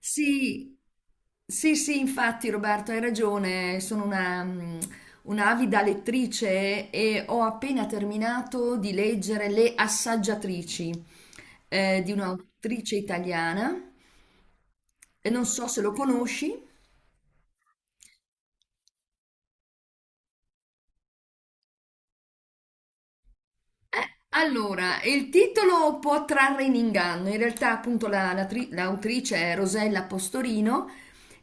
Sì, sì, sì, infatti Roberto, hai ragione, sono un'avida lettrice e ho appena terminato di leggere Le Assaggiatrici di un'autrice italiana e non so se lo conosci. Allora, il titolo può trarre in inganno, in realtà appunto l'autrice è Rosella Postorino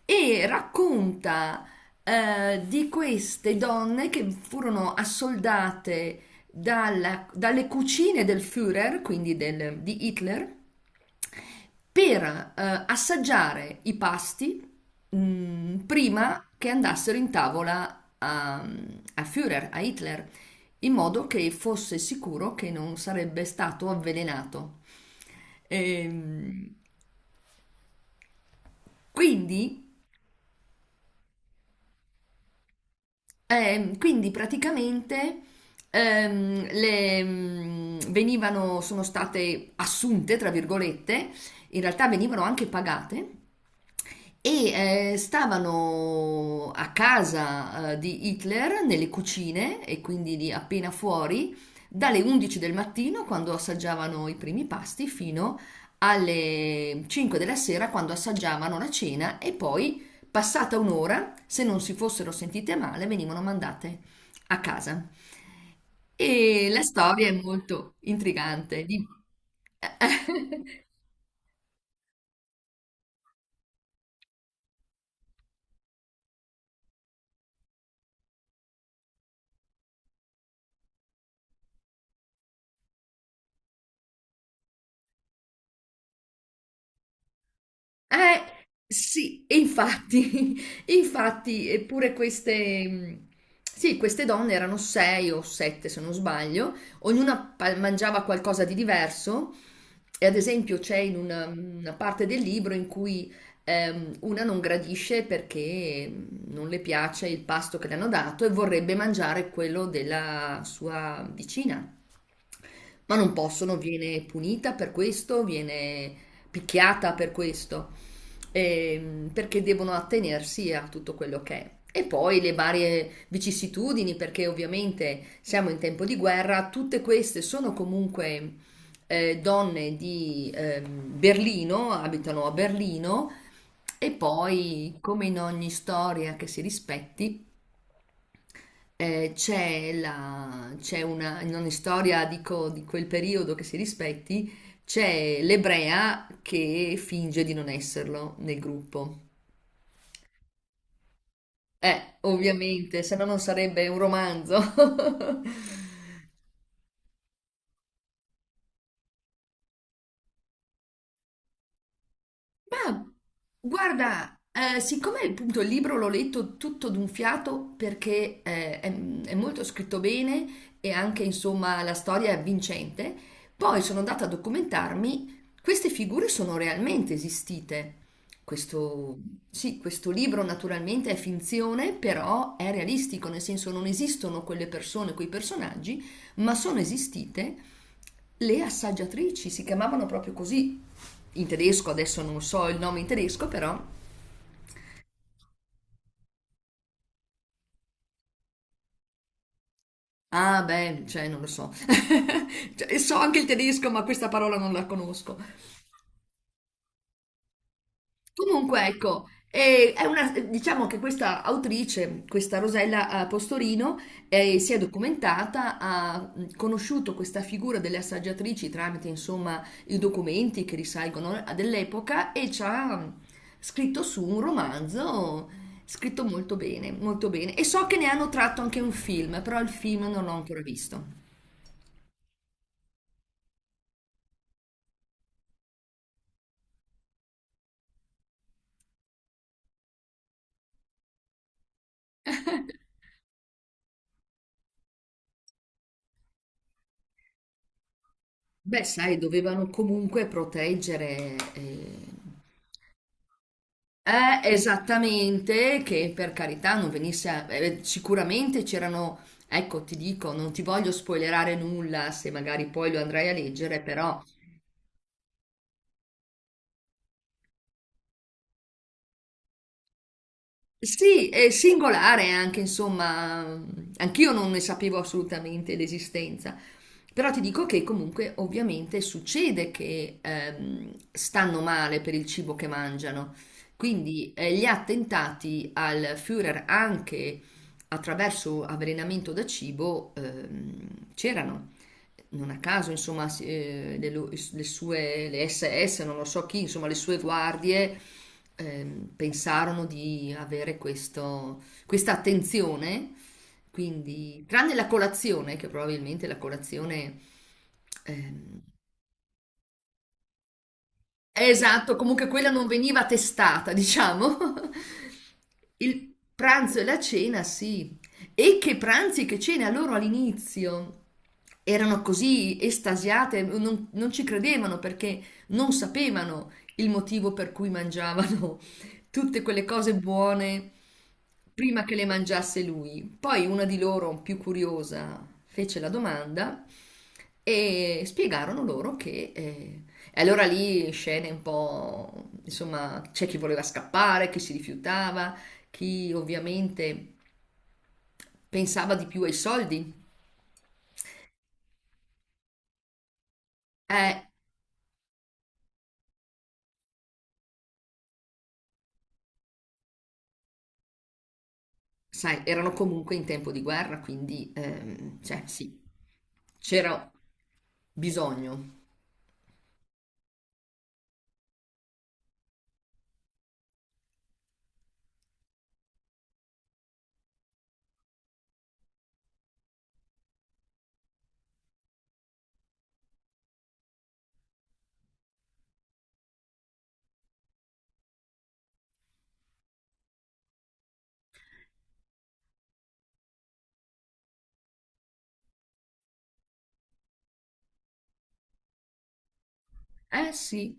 e racconta di queste donne che furono assoldate dalle cucine del Führer, quindi di Hitler, per assaggiare i pasti prima che andassero in tavola a Führer, a Hitler, in modo che fosse sicuro che non sarebbe stato avvelenato. Ehm, quindi quindi praticamente le venivano, sono state assunte, tra virgolette, in realtà venivano anche pagate e stavano a casa di Hitler nelle cucine e quindi lì appena fuori dalle 11 del mattino quando assaggiavano i primi pasti fino alle 5 della sera quando assaggiavano la cena e poi passata un'ora, se non si fossero sentite male, venivano mandate a casa. E la storia è molto intrigante. Sì, e infatti, infatti, eppure queste donne erano sei o sette, se non sbaglio, ognuna mangiava qualcosa di diverso. E ad esempio c'è in una parte del libro in cui una non gradisce perché non le piace il pasto che le hanno dato e vorrebbe mangiare quello della sua vicina. Ma non possono, viene punita per questo, viene picchiata per questo, perché devono attenersi a tutto quello che è. E poi le varie vicissitudini, perché ovviamente siamo in tempo di guerra, tutte queste sono comunque donne di Berlino, abitano a Berlino, e poi, come in ogni storia che si rispetti, c'è una, in ogni storia dico, di quel periodo che si rispetti, c'è l'ebrea che finge di non esserlo nel gruppo. Ovviamente, se no non sarebbe un romanzo. Ma guarda, siccome appunto il libro l'ho letto tutto d'un fiato perché è molto scritto bene e anche insomma la storia è avvincente, poi sono andata a documentarmi, queste figure sono realmente esistite. Questo, sì, questo libro naturalmente è finzione, però è realistico, nel senso non esistono quelle persone, quei personaggi ma sono esistite le assaggiatrici, si chiamavano proprio così in tedesco, adesso non so il nome in tedesco, però ah beh, cioè non lo so. Cioè, so anche il tedesco, ma questa parola non la conosco. Comunque, ecco, diciamo che questa autrice, questa Rosella Postorino, si è documentata, ha conosciuto questa figura delle assaggiatrici tramite, insomma, i documenti che risalgono a dell'epoca e ci ha scritto su un romanzo scritto molto bene, molto bene. E so che ne hanno tratto anche un film, però il film non l'ho ancora visto. Beh, sai, dovevano comunque proteggere. Esattamente, che per carità non venisse sicuramente c'erano, ecco, ti dico, non ti voglio spoilerare nulla se magari poi lo andrai a leggere, però sì, è singolare anche, insomma, anch'io non ne sapevo assolutamente l'esistenza. Però ti dico che comunque ovviamente succede che stanno male per il cibo che mangiano. Quindi gli attentati al Führer anche attraverso avvelenamento da cibo c'erano. Non a caso, insomma, le SS, non lo so chi, insomma, le sue guardie pensarono di avere questa attenzione quindi, tranne la colazione, che probabilmente la colazione... ehm, esatto, comunque quella non veniva testata, diciamo. Il pranzo e la cena, sì. E che pranzi, che cena loro all'inizio. Erano così estasiate, non ci credevano perché non sapevano il motivo per cui mangiavano tutte quelle cose buone prima che le mangiasse lui. Poi una di loro, più curiosa, fece la domanda e spiegarono loro. E allora lì scene un po', insomma, c'è chi voleva scappare, chi si rifiutava, chi ovviamente pensava di più ai soldi. Eh, sai, erano comunque in tempo di guerra, quindi, cioè, sì, c'era bisogno. Eh sì.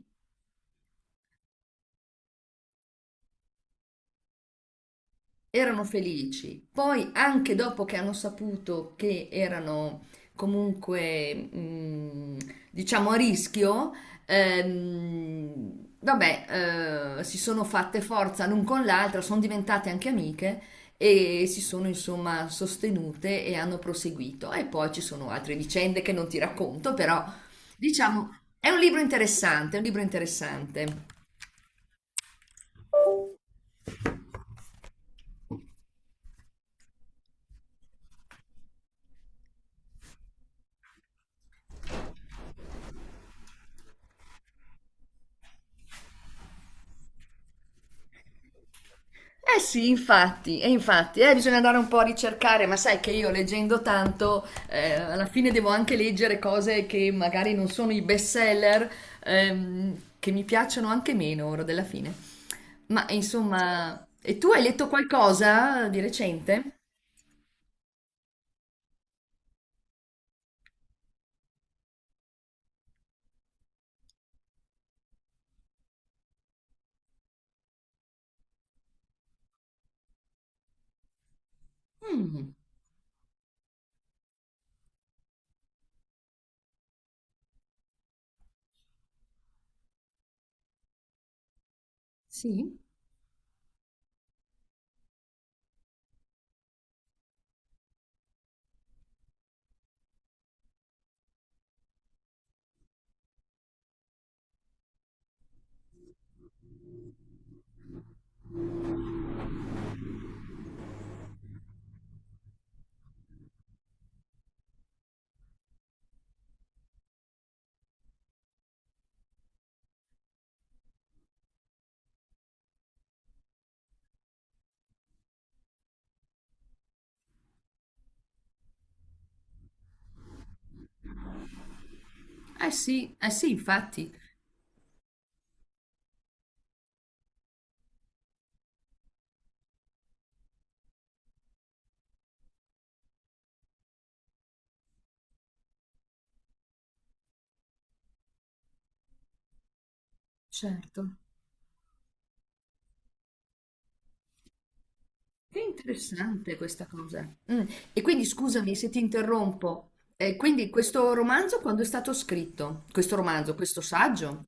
Erano felici. Poi, anche dopo che hanno saputo che erano comunque, diciamo, a rischio, vabbè, si sono fatte forza l'un con l'altra, sono diventate anche amiche e si sono insomma sostenute e hanno proseguito. E poi ci sono altre vicende che non ti racconto, però diciamo è un libro interessante, è un libro interessante. Eh sì, infatti, e infatti, bisogna andare un po' a ricercare, ma sai che io leggendo tanto, alla fine devo anche leggere cose che magari non sono i best seller, che mi piacciono anche meno ora della fine. Ma insomma, e tu hai letto qualcosa di recente? Mm, sì, eh sì, eh sì, infatti, certo. Che interessante questa cosa. Mm. E quindi scusami se ti interrompo. Quindi questo romanzo quando è stato scritto? Questo romanzo, questo saggio?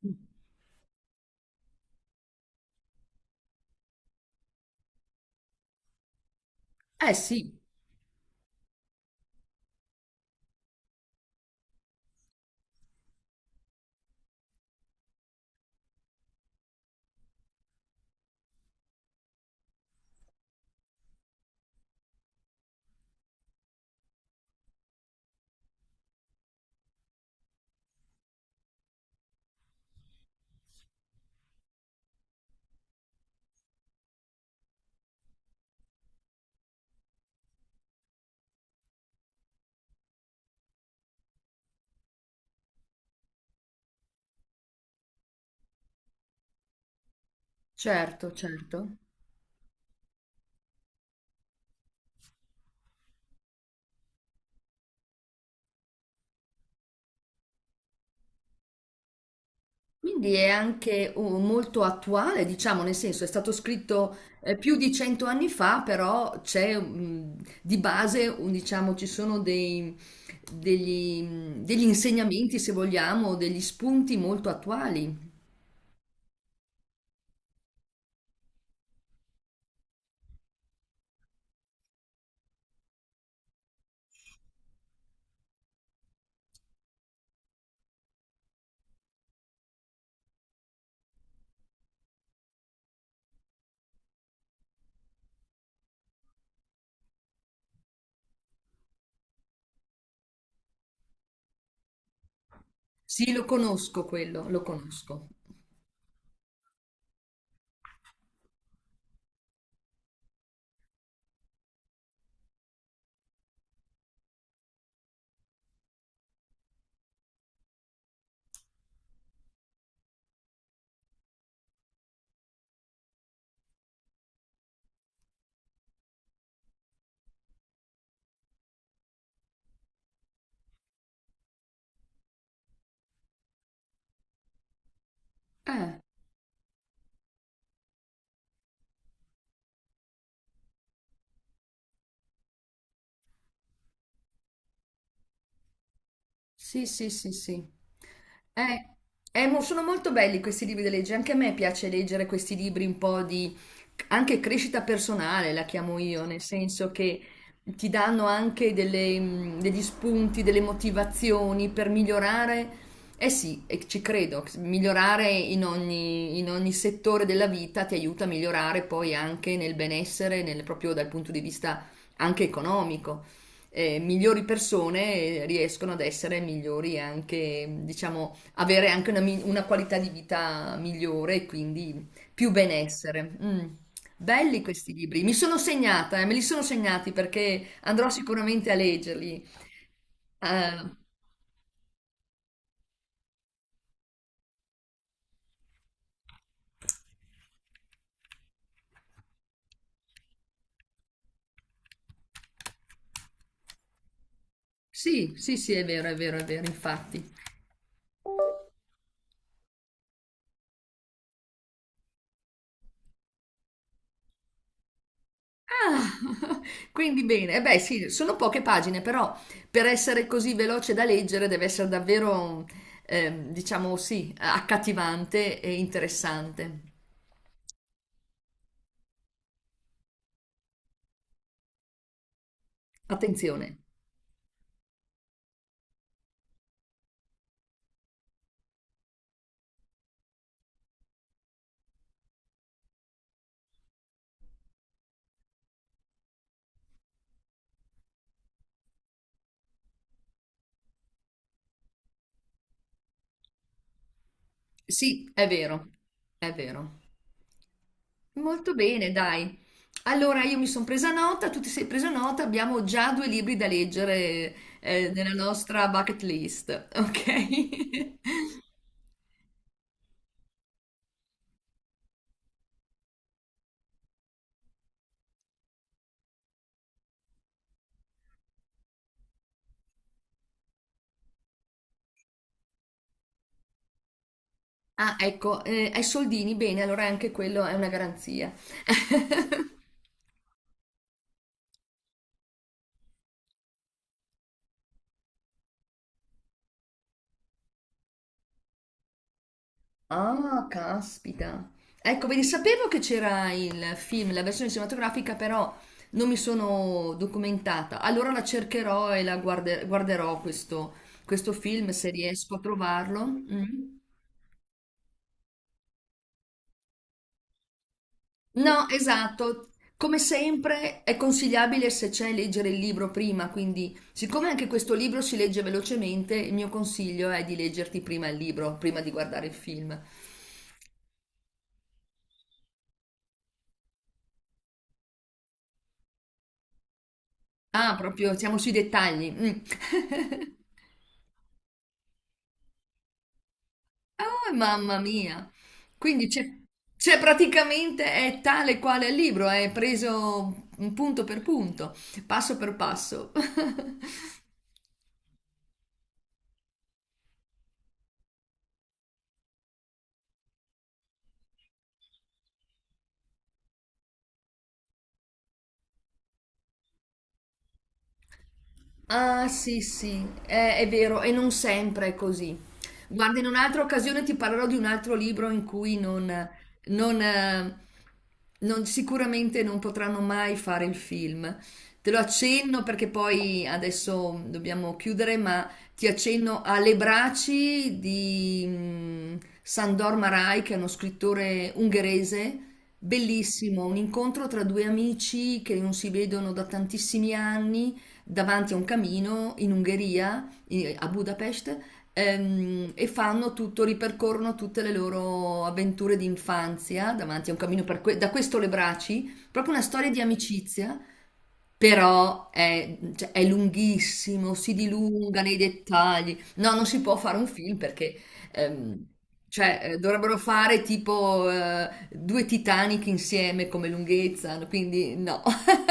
Eh sì, certo, certo. Quindi è anche molto attuale, diciamo, nel senso è stato scritto più di 100 anni fa, però c'è di base, diciamo, ci sono degli insegnamenti, se vogliamo, degli spunti molto attuali. Sì, lo conosco quello, lo conosco. Eh, sì, sì, sì, sì. Eh, sono molto belli questi libri da leggere, anche a me piace leggere questi libri un po' di anche crescita personale, la chiamo io, nel senso che ti danno anche degli spunti, delle motivazioni per migliorare. Eh sì, e ci credo, migliorare in ogni settore della vita ti aiuta a migliorare poi anche nel benessere, proprio dal punto di vista anche economico. Migliori persone riescono ad essere migliori e anche, diciamo, avere anche una qualità di vita migliore e quindi più benessere. Mm. Belli questi libri, mi sono segnata, me li sono segnati perché andrò sicuramente a leggerli. Eh, sì, sì, sì, è vero, è vero, è vero, infatti. Ah, quindi bene. Eh beh, sì, sono poche pagine, però per essere così veloce da leggere deve essere davvero, diciamo sì, accattivante e interessante. Attenzione. Sì, è vero, è vero. Molto bene, dai. Allora, io mi sono presa nota, tu ti sei presa nota, abbiamo già due libri da leggere, nella nostra bucket list, ok? Ah, ecco, ai soldini, bene, allora anche quello è una garanzia. Ah, caspita. Ecco, vedi, sapevo che c'era il film, la versione cinematografica, però non mi sono documentata. Allora la cercherò e la guarderò questo film se riesco a trovarlo. Mm. No, esatto. Come sempre è consigliabile se c'è leggere il libro prima, quindi siccome anche questo libro si legge velocemente, il mio consiglio è di leggerti prima il libro, prima di guardare il film. Ah, proprio siamo sui dettagli. Mm. Oh, mamma mia! Quindi c'è praticamente è tale quale il libro, è preso un punto per punto, passo per passo. Ah, sì, sì, è vero, e non sempre è così. Guarda, in un'altra occasione ti parlerò di un altro libro in cui non, eh, sicuramente non potranno mai fare il film. Te lo accenno perché poi adesso dobbiamo chiudere, ma ti accenno a Le braci di Sandor Marai, che è uno scrittore ungherese. Bellissimo, un incontro tra due amici che non si vedono da tantissimi anni davanti a un camino in Ungheria, a Budapest, e fanno tutto, ripercorrono tutte le loro avventure di infanzia davanti a un camino per da questo le braci, proprio una storia di amicizia, però è lunghissimo, si dilunga nei dettagli. No, non si può fare un film perché... ehm, dovrebbero fare tipo due Titanic insieme come lunghezza, quindi no.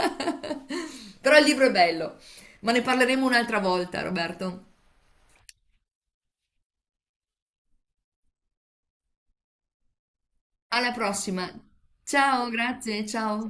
Però il libro è bello, ma ne parleremo un'altra volta, Roberto. Alla prossima. Ciao, grazie, ciao.